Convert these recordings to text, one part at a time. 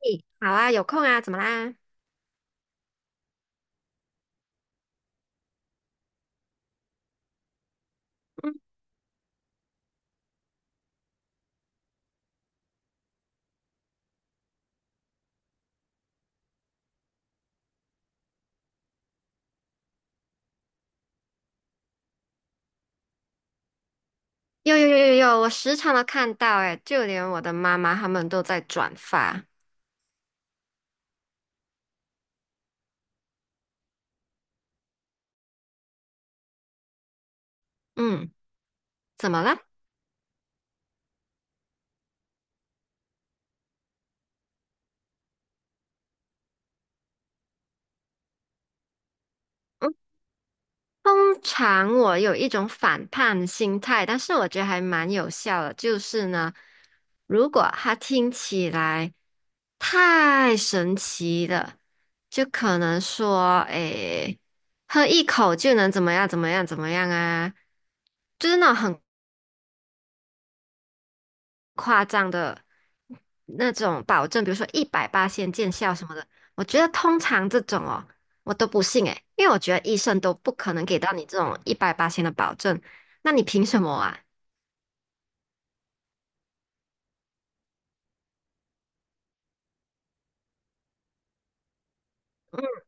嘿好啊，有空啊，怎么啦？嗯，有有有有有，我时常都看到、欸，诶，就连我的妈妈他们都在转发。嗯，怎么了？嗯，通常我有一种反叛心态，但是我觉得还蛮有效的，就是呢，如果他听起来太神奇了，就可能说，诶、喝一口就能怎么样怎么样怎么样啊，就是那种很夸张的那种保证，比如说一百八先见效什么的，我觉得通常这种哦，我都不信诶，因为我觉得医生都不可能给到你这种一百八的保证，那你凭什么啊？嗯，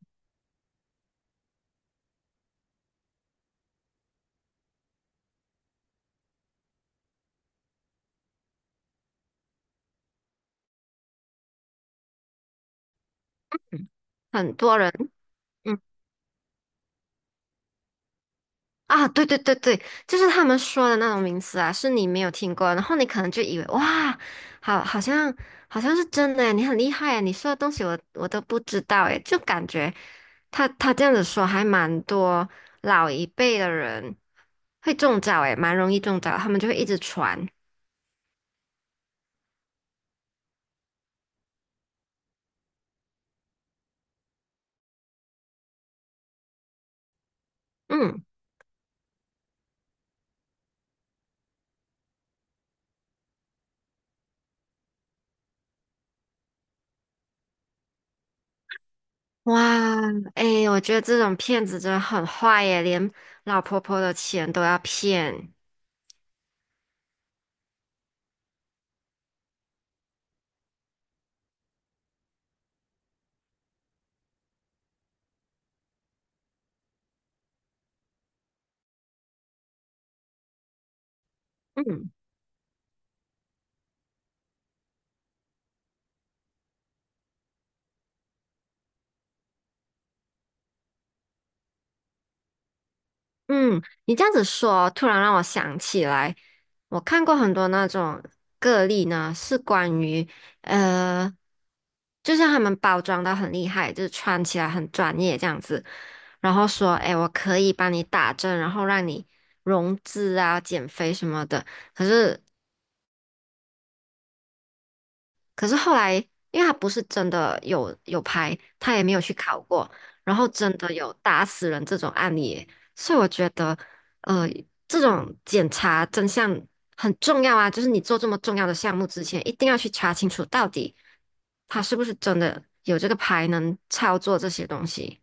很多人，嗯啊，对对对对，就是他们说的那种名词啊，是你没有听过，然后你可能就以为哇，好，好像是真的诶，你很厉害诶，你说的东西我都不知道诶，就感觉,他这样子说，还蛮多老一辈的人会中招，诶，蛮容易中招，他们就会一直传。嗯，哇，诶，我觉得这种骗子真的很坏耶，连老婆婆的钱都要骗。嗯。嗯，你这样子说，突然让我想起来，我看过很多那种个例呢，是关于呃，就是他们包装的很厉害，就是穿起来很专业这样子，然后说，哎，我可以帮你打针，然后让你融资啊、减肥什么的。可是可是后来，因为他不是真的有牌，他也没有去考过，然后真的有打死人这种案例耶。所以我觉得，呃，这种检查真相很重要啊，就是你做这么重要的项目之前，一定要去查清楚到底他是不是真的有这个牌能操作这些东西。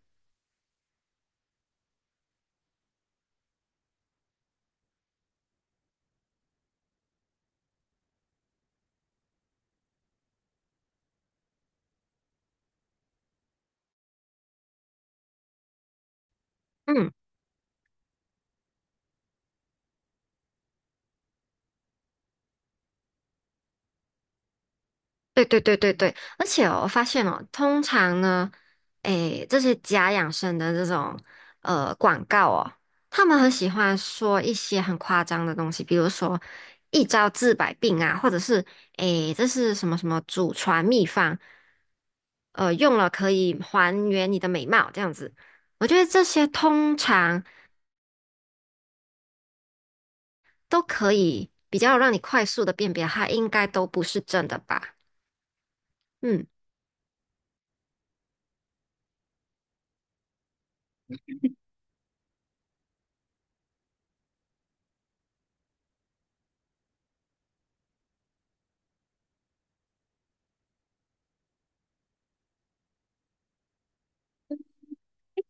嗯。对对对对对，而且哦我发现哦，通常呢，诶，这些假养生的这种广告哦，他们很喜欢说一些很夸张的东西，比如说一招治百病啊，或者是诶，这是什么什么祖传秘方，用了可以还原你的美貌这样子。我觉得这些通常都可以比较让你快速的辨别，它应该都不是真的吧。嗯，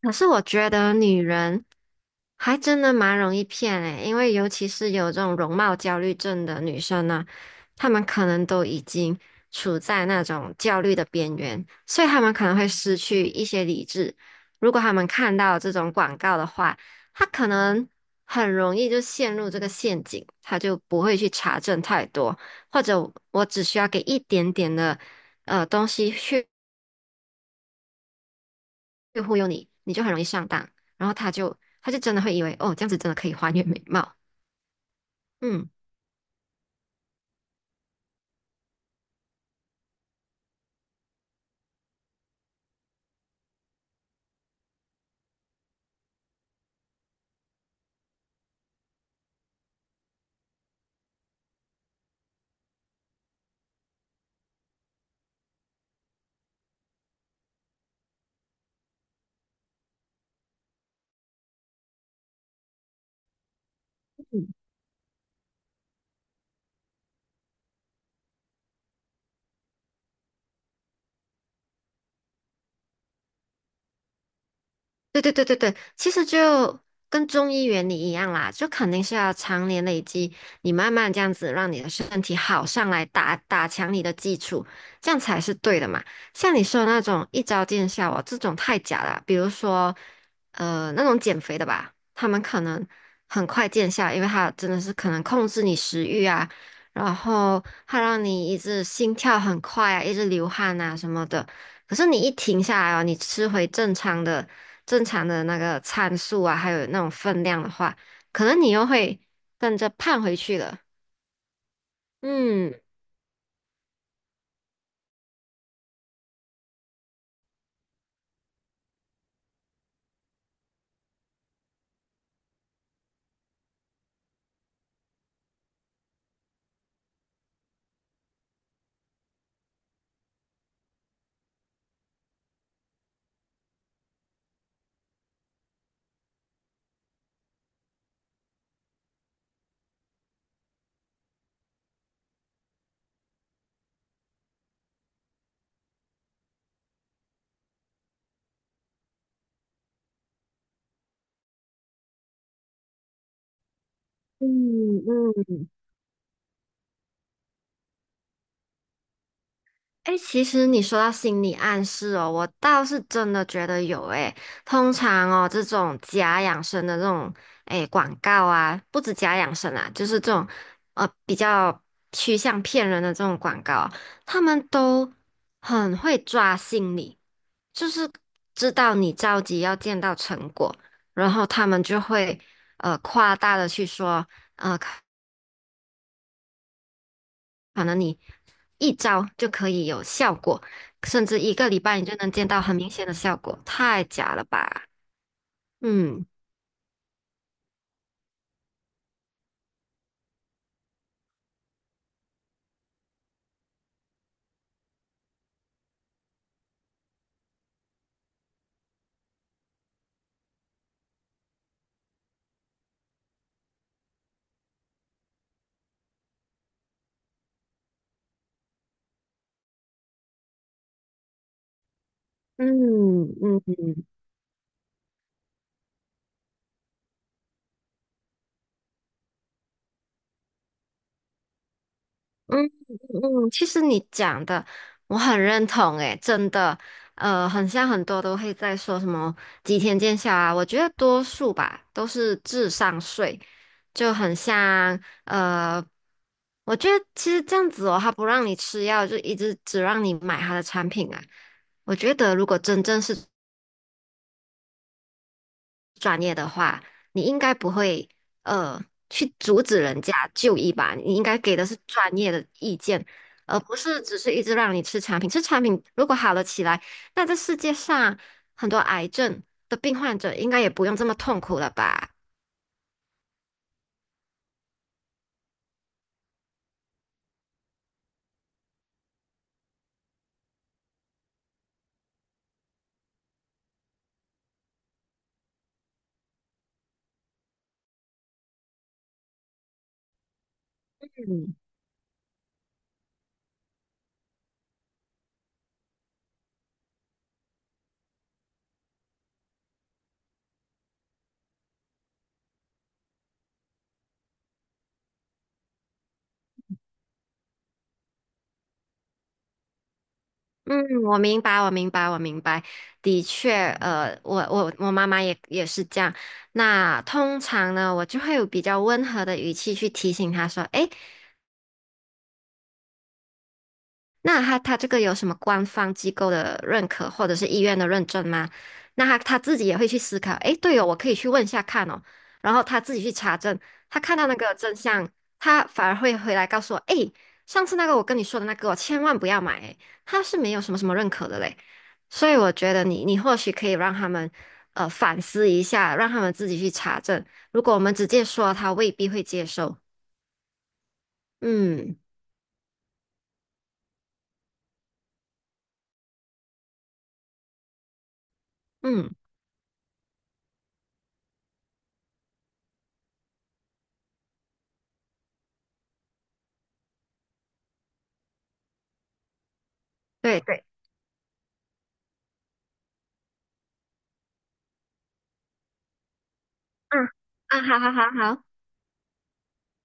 可是我觉得女人,还真的蛮容易骗诶，因为尤其是有这种容貌焦虑症的女生呢，她们可能都已经处在那种焦虑的边缘，所以她们可能会失去一些理智。如果她们看到这种广告的话，她可能很容易就陷入这个陷阱，她就不会去查证太多，或者我只需要给一点点的东西去忽悠你，你就很容易上当，然后她就真的会以为哦，这样子真的可以还原美貌。嗯。对对对对对，其实就跟中医原理一样啦，就肯定是要常年累积，你慢慢这样子让你的身体好上来打强你的基础，这样才是对的嘛。像你说的那种一招见效哦，这种太假了。比如说，那种减肥的吧，他们可能很快见效，因为他真的是可能控制你食欲啊，然后他让你一直心跳很快啊，一直流汗啊什么的。可是你一停下来哦，你吃回正常的那个参数啊，还有那种分量的话，可能你又会跟着胖回去了。嗯嗯嗯，哎，其实你说到心理暗示哦，我倒是真的觉得有哎。通常哦，这种假养生的这种广告啊，不止假养生啊，就是这种比较趋向骗人的这种广告哦，他们都很会抓心理，就是知道你着急要见到成果，然后他们就会夸大的去说。可能你一招就可以有效果，甚至一个礼拜你就能见到很明显的效果，太假了吧？嗯嗯嗯，嗯。嗯嗯，其实你讲的我很认同，诶，真的，很像很多都会在说什么几天见效啊，我觉得多数吧都是智商税，就很像，呃，我觉得其实这样子哦，他不让你吃药，就一直只让你买他的产品啊，我觉得如果真正是专业的话，你应该不会呃去阻止人家就医吧？你应该给的是专业的意见，而不是只是一直让你吃产品。吃产品如果好了起来，那这世界上很多癌症的病患者应该也不用这么痛苦了吧？嗯嗯，我明白，我明白，我明白。的确，我妈妈也是这样。那通常呢，我就会有比较温和的语气去提醒她说："诶，那他这个有什么官方机构的认可或者是医院的认证吗？那他自己也会去思考，诶，对哦，我可以去问一下看哦，然后他自己去查证，他看到那个真相，他反而会回来告诉我，诶，上次那个我跟你说的那个我千万不要买，诶，他是没有什么什么认可的嘞，所以我觉得你或许可以让他们反思一下，让他们自己去查证，如果我们直接说，他未必会接受，嗯嗯，对对，嗯嗯，好好好好。